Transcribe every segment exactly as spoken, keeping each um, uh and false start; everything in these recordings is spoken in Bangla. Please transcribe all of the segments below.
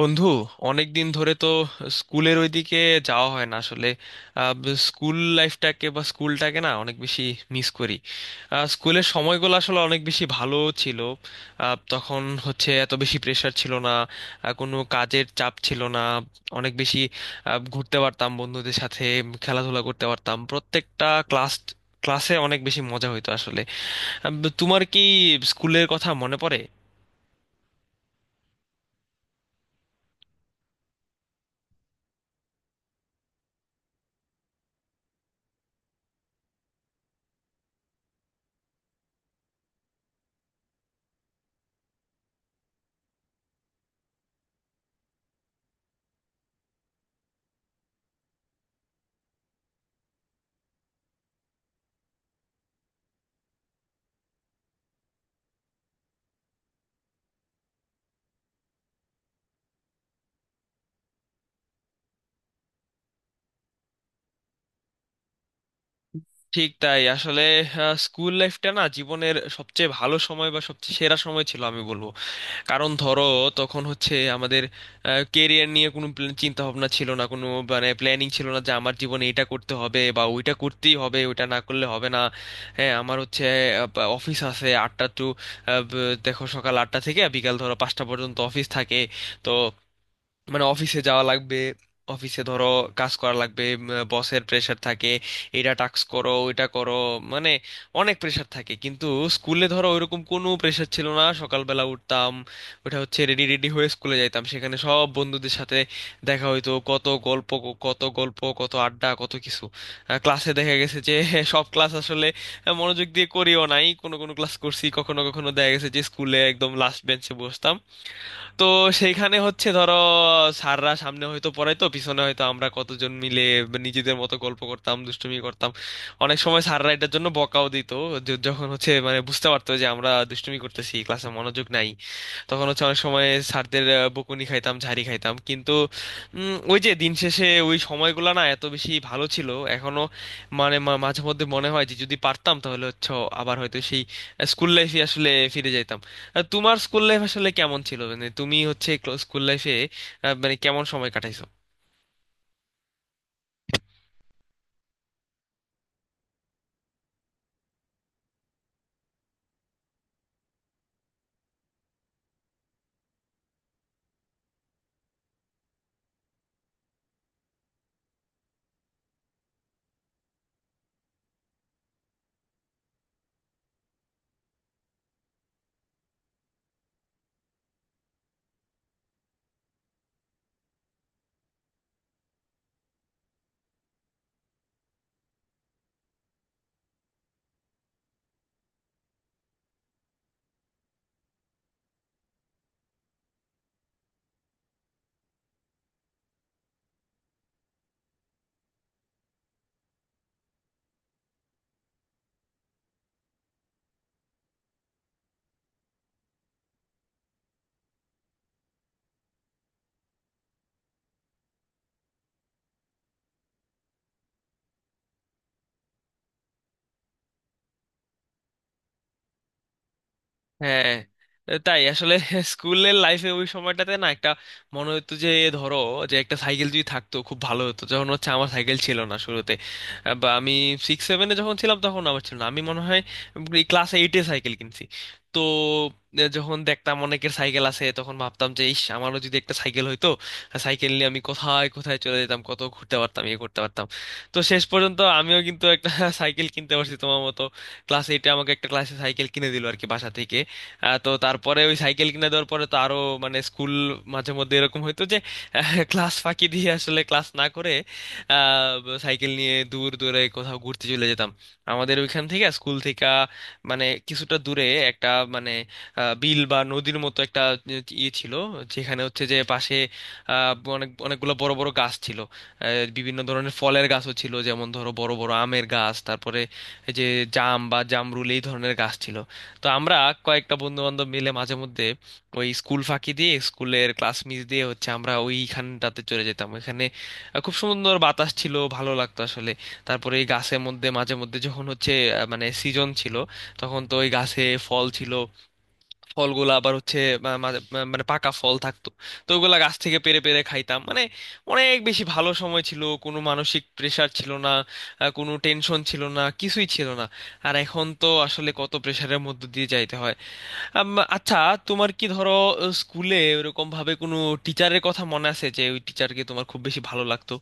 বন্ধু, অনেক দিন ধরে তো স্কুলের ওইদিকে যাওয়া হয় না আসলে। আহ, ব- স্কুল লাইফটাকে বা স্কুলটাকে না অনেক বেশি মিস করি। আহ, স্কুলের সময়গুলো আসলে অনেক বেশি ভালো ছিল। আহ, তখন হচ্ছে এত বেশি প্রেশার ছিল না। আহ, কোনো কাজের চাপ ছিল না অনেক বেশি। আহ, ঘুরতে পারতাম বন্ধুদের সাথে, উম, খেলাধুলা করতে পারতাম। প্রত্যেকটা ক্লাস ক্লাসে অনেক বেশি মজা হইতো আসলে। আহ, তোমার কি স্কুলের কথা মনে পড়ে? ঠিক তাই আসলে। আহ, স্কুল লাইফটা না জীবনের সবচেয়ে ভালো সময় বা সবচেয়ে সেরা সময় ছিল আমি বলবো। কারণ ধরো, তখন হচ্ছে আমাদের কেরিয়ার নিয়ে কোনো চিন্তা ভাবনা ছিল না, কোনো মানে প্ল্যানিং ছিল না যে আমার জীবনে এটা করতে হবে বা ওইটা করতেই হবে, ওইটা না করলে হবে না। হ্যাঁ, আমার হচ্ছে অফিস আছে আটটা টু, দেখো সকাল আটটা থেকে বিকাল ধরো পাঁচটা পর্যন্ত অফিস থাকে। তো মানে অফিসে যাওয়া লাগবে, অফিসে ধরো কাজ করা লাগবে, বসের প্রেশার থাকে, এটা টাস্ক করো ওইটা করো, মানে অনেক প্রেশার থাকে। কিন্তু স্কুলে ধরো ওইরকম কোনো প্রেশার ছিল না। সকালবেলা উঠতাম, ওটা হচ্ছে রেডি রেডি হয়ে স্কুলে যাইতাম। সেখানে সব বন্ধুদের সাথে দেখা হইতো, কত গল্প, ক- কত গল্প, কত আড্ডা, কত কিছু। আহ, ক্লাসে দেখা গেছে যে সব ক্লাস আসলে মনোযোগ দিয়ে করিও নাই, কোনো কোনো ক্লাস করছি, কখনো কখনো দেখা গেছে যে স্কুলে একদম লাস্ট বেঞ্চে বসতাম। তো সেইখানে হচ্ছে ধরো, স্যাররা সামনে হয়তো পড়াইতো, পিছনে হয়তো আমরা কতজন মিলে নিজেদের মতো গল্প করতাম, দুষ্টুমি করতাম। অনেক সময় স্যাররা এটার জন্য বকাও দিত, য- যখন হচ্ছে মানে বুঝতে পারতো যে আমরা দুষ্টুমি করতেছি, ক্লাসে মনোযোগ নাই, তখন হচ্ছে অনেক সময় স্যারদের আহ, বকুনি খাইতাম, ঝাড়ি খাইতাম। কিন্তু উম, ওই যে দিন শেষে ওই সময়গুলো না এত বেশি ভালো ছিল। এখনো মানে মা- মাঝে মধ্যে মনে হয় যে যদি পারতাম তাহলে হচ্ছে আবার হয়তো সেই স্কুল লাইফে আসলে ফিরে যাইতাম। আহ, তোমার স্কুল লাইফ আসলে কেমন ছিল? মানে তুমি হচ্ছে স্কুল লাইফে মানে কেমন সময় কাটাইছো? হ্যাঁ, তাই আসলে। স্কুলের লাইফে ওই সময়টাতে না একটা মনে হতো যে ধরো যে একটা সাইকেল যদি থাকতো খুব ভালো হতো। যখন হচ্ছে আমার সাইকেল ছিল না শুরুতে, আহ, বা আমি সিক্স সেভেনে যখন ছিলাম তখন আমার ছিল না, আমি মনে হয় ক্লাস এইটে সাইকেল কিনছি। তো আহ, যখন দেখতাম অনেকের সাইকেল আছে তখন ভাবতাম যে ইস আমারও যদি একটা সাইকেল হইতো, সাইকেল নিয়ে আমি কোথায় কোথায় চলে যেতাম, কত ঘুরতে পারতাম, ইয়ে করতে পারতাম। তো শেষ পর্যন্ত আমিও কিন্তু একটা সাইকেল কিনতে পারছি তোমার মতো। ক্লাস এইটে আমাকে একটা ক্লাসে সাইকেল কিনে দিল আর কি, বাসা থেকে। আহ, তো তারপরে ওই সাইকেল কিনে দেওয়ার পরে তো আরো মানে স্কুল মাঝে মধ্যে এরকম হইতো যে ক্লাস ফাঁকি দিয়ে আসলে ক্লাস না করে আহ, সাইকেল নিয়ে দূর দূরে কোথাও ঘুরতে চলে যেতাম। আমাদের ওইখান থেকে, স্কুল থেকে মানে কিছুটা দূরে একটা মানে আহ, বিল বা নদীর মতো একটা ইয়ে ছিল, যেখানে হচ্ছে যে পাশে আহ, অনেক অনেকগুলো বড় বড় গাছ ছিল। আহ, বিভিন্ন ধরনের ফলের গাছও ছিল, যেমন ধরো বড় বড় আমের গাছ, তারপরে এই যে জাম বা জামরুল, এই ধরনের গাছ ছিল। তো আমরা কয়েকটা বন্ধু বান্ধব মিলে মাঝে মধ্যে ওই স্কুল ফাঁকি দিয়ে, স্কুলের ক্লাস মিস দিয়ে হচ্ছে আমরা ওইখানটাতে চলে যেতাম। ওইখানে আহ, খুব সুন্দর বাতাস ছিল, ভালো লাগতো আসলে। তারপরে এই গাছের মধ্যে মাঝে মধ্যে যখন হচ্ছে আহ, মানে সিজন ছিল, তখন তো ওই গাছে ফল ছিল। ফলগুলো আবার হচ্ছে মা- মা- মা- মানে পাকা ফল থাকতো। তো ওগুলা গাছ থেকে পেড়ে পেড়ে খাইতাম। মানে অনেক বেশি ভালো সময় ছিল, কোনো মানসিক প্রেশার ছিল না, আহ, কোনো টেনশন ছিল না, কিছুই ছিল না। আর এখন তো আসলে কত প্রেশারের মধ্যে দিয়ে যাইতে হয়। আম, আচ্ছা, তোমার কি ধরো স্কুলে ওরকম ভাবে কোনো টিচারের কথা মনে আছে যে ওই টিচারকে তোমার খুব বেশি ভালো লাগতো?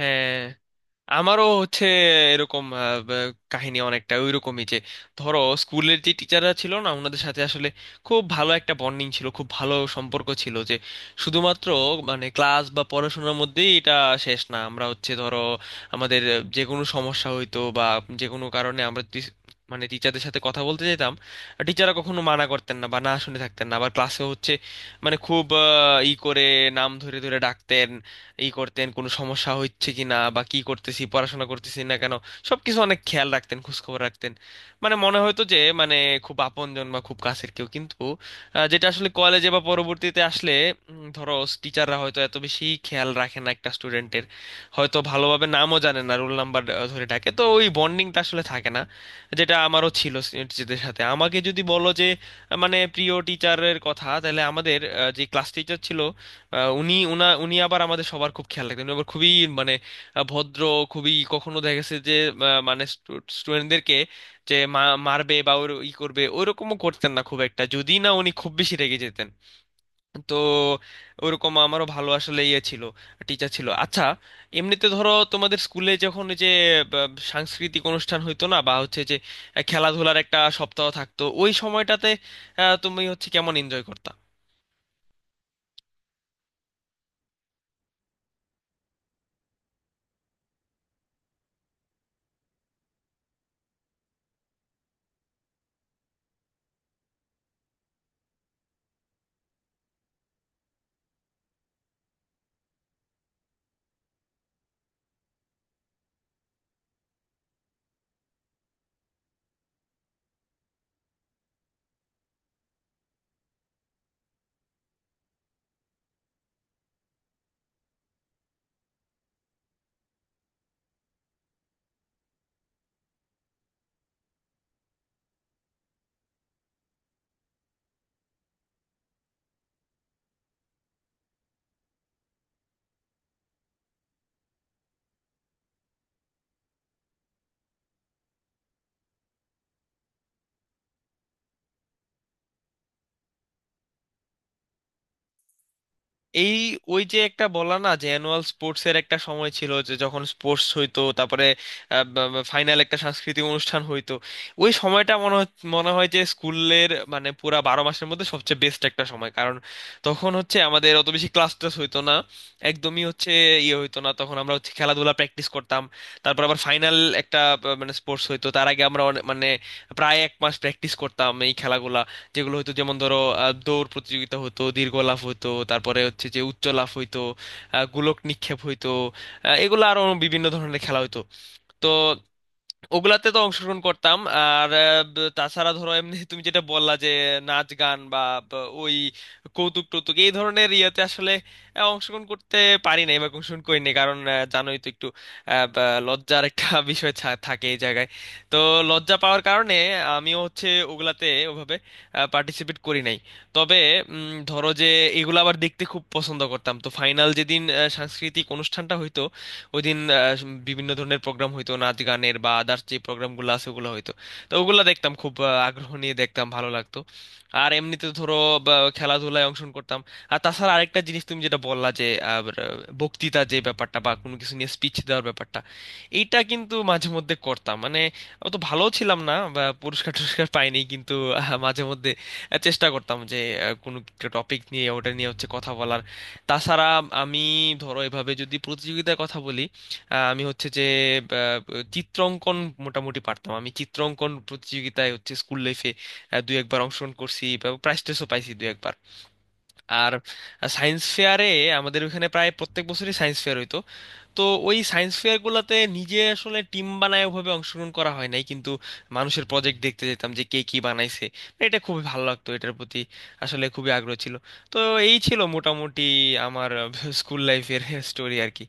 হ্যাঁ, আমারও হচ্ছে এরকম আহ, ব- কাহিনী অনেকটা ওইরকমই, যে ধরো স্কুলের যে টিচাররা ছিল না ওনাদের সাথে আসলে খুব ভালো একটা বন্ডিং ছিল, খুব ভালো সম্পর্ক ছিল, যে শুধুমাত্র মানে ক্লাস বা পড়াশোনার মধ্যেই এটা শেষ না। আমরা হচ্ছে ধরো আমাদের আহ, যে কোনো সমস্যা হইতো বা যে কোনো কারণে আমরা টি- মানে টিচারদের সাথে কথা বলতে যেতাম, টিচাররা কখনো মানা করতেন না বা না শুনে থাকতেন না। আবার ক্লাসে হচ্ছে মানে খুব আহ, ই করে নাম ধরে ধরে ডাকতেন, ই করতেন কোনো সমস্যা হচ্ছে কি না বা কি করতেছি, পড়াশোনা করতেছি না কেন। সবকিছু অনেক খেয়াল রাখতেন, খোঁজখবর রাখতেন। মানে মনে হতো যে মানে খুব আপনজন বা খুব কাছের কেউ। কিন্তু আহ, যেটা আসলে কলেজে বা পরবর্তীতে আসলে উম, ধরো টিচাররা হয়তো এত বেশি খেয়াল রাখে না একটা স্টুডেন্টের, হয়তো ভালোভাবে নামও জানে না, রোল নাম্বার ধরে ডাকে, তো ওই বন্ডিংটা আসলে থাকে না, যেটা আমারও ছিল টিচারদের সাথে। আমাকে যদি বলো যে আহ, মানে প্রিয় টিচারের কথা, তাহলে আমাদের আহ, যে ক্লাস টিচার ছিল, আহ, উনি উনা উনি আবার আমাদের সবার খুব খেয়াল রাখতেন। উনি আবার খুবই মানে আহ, ভদ্র, খুবই। কখনো দেখা গেছে যে আহ, মানে স্টুডেন্টদেরকে যে মা- মারবে বা ওর ই করবে ওইরকমও করতেন না খুব একটা, যদি না উনি খুব বেশি রেগে যেতেন। তো ওরকম আমারও ভালো আসলে ইয়ে ছিল, টিচার ছিল। আচ্ছা, এমনিতে ধরো তোমাদের স্কুলে যখন ওই যে বা, সাংস্কৃতিক অনুষ্ঠান হইতো না, বা হচ্ছে যে আহ, খেলাধুলার একটা সপ্তাহ থাকতো ওই সময়টাতে, আহ, তুমি হচ্ছে কেমন এনজয় করতা? এই, ওই যে একটা বলা না যে অ্যানুয়াল স্পোর্টস এর একটা সময় ছিল, যে যখন স্পোর্টস হইতো তারপরে ফাইনাল একটা সাংস্কৃতিক অনুষ্ঠান হইতো। ওই সময়টা মনে হয় মনে হয় যে স্কুলের মানে পুরা বারো মাসের মধ্যে সবচেয়ে বেস্ট একটা সময়, কারণ তখন হচ্ছে আমাদের অত বেশি ক্লাস টাস হইতো না, একদমই হচ্ছে ইয়ে হইতো না। তখন আমরা হচ্ছে খেলাধুলা প্র্যাকটিস করতাম। তারপর আবার ফাইনাল একটা আহ, মানে স্পোর্টস হইতো, তার আগে আমরা অনে- মানে প্রায় এক মাস প্র্যাকটিস করতাম এই খেলাগুলা, যেগুলো হতো যেমন ধরো আহ, দৌড় প্রতিযোগিতা হতো, দীর্ঘ লাফ হতো, তারপরে হচ্ছে যে উচ্চ লাফ হইতো, আহ, গোলক নিক্ষেপ হইতো, আহ, এগুলো আরো বিভিন্ন ধরনের খেলা হতো। তো ওগুলাতে তো অংশগ্রহণ করতাম। আর আহ, ব- তাছাড়া ধরো এমনি তুমি যেটা বললা যে নাচ গান বা ব- ওই কৌতুক টৌতুক এই ধরনের ইয়েতে আসলে আহ, অংশগ্রহণ করতে পারি নাই বা অংশগ্রহণ করিনি, কারণ আহ, জানোই তো একটু আহ, বা- লজ্জার একটা বিষয় থা- থাকে এই জায়গায়। তো লজ্জা পাওয়ার কারণে আমিও হচ্ছে ওগুলাতে ওভাবে পার্টিসিপেট করি নাই। তবে উম, ধরো যে এগুলো আবার দেখতে খুব পছন্দ করতাম। তো ফাইনাল যেদিন আহ, সাংস্কৃতিক অনুষ্ঠানটা হইতো ওই দিন আহ, বিভিন্ন ধরনের প্রোগ্রাম হইতো, নাচ গানের বা আদার্স যে প্রোগ্রামগুলো আছে ওগুলো হইতো। তো ওগুলো দেখতাম, খুব আহ, আগ্রহ নিয়ে দেখতাম, ভালো লাগতো। আর এমনিতে ধরো বা, খেলাধুলায় অংশগ্রহণ করতাম। আর তাছাড়া আরেকটা জিনিস তুমি যেটা বললা যে আহ, বক্তৃতা যে ব্যাপারটা বা কোনো কিছু নিয়ে স্পিচ দেওয়ার ব্যাপারটা, এইটা কিন্তু মাঝে মধ্যে করতাম। মানে অত ভালো ছিলাম না বা পুরস্কার টুরস্কার পাইনি, কিন্তু আহ, মাঝে মধ্যে আহ, চেষ্টা করতাম যে আহ, কোনো একটা টপিক নিয়ে ওটা নিয়ে হচ্ছে কথা বলার। তাছাড়া আমি ধরো এভাবে যদি প্রতিযোগিতার কথা বলি, আহ, আমি হচ্ছে যে আহ, চিত্রাঙ্কন মোটামুটি পারতাম। আমি চিত্রাঙ্কন প্রতিযোগিতায় হচ্ছে স্কুল লাইফে দু একবার অংশগ্রহণ করছি বা প্রাইজ টাইজও পাইছি দু একবার। আর সায়েন্স ফেয়ারে আমাদের ওখানে প্রায় প্রত্যেক বছরই সায়েন্স ফেয়ার হইতো। তো ওই সায়েন্স ফেয়ারগুলোতে নিজে আসলে টিম বানায় ওভাবে অংশগ্রহণ করা হয় নাই, কিন্তু মানুষের প্রজেক্ট দেখতে যেতাম যে কে কি বানাইছে। এটা খুবই ভালো লাগতো, এটার প্রতি আসলে খুবই আগ্রহ ছিল। তো এই ছিল মোটামুটি আমার স্কুল লাইফের স্টোরি আর কি।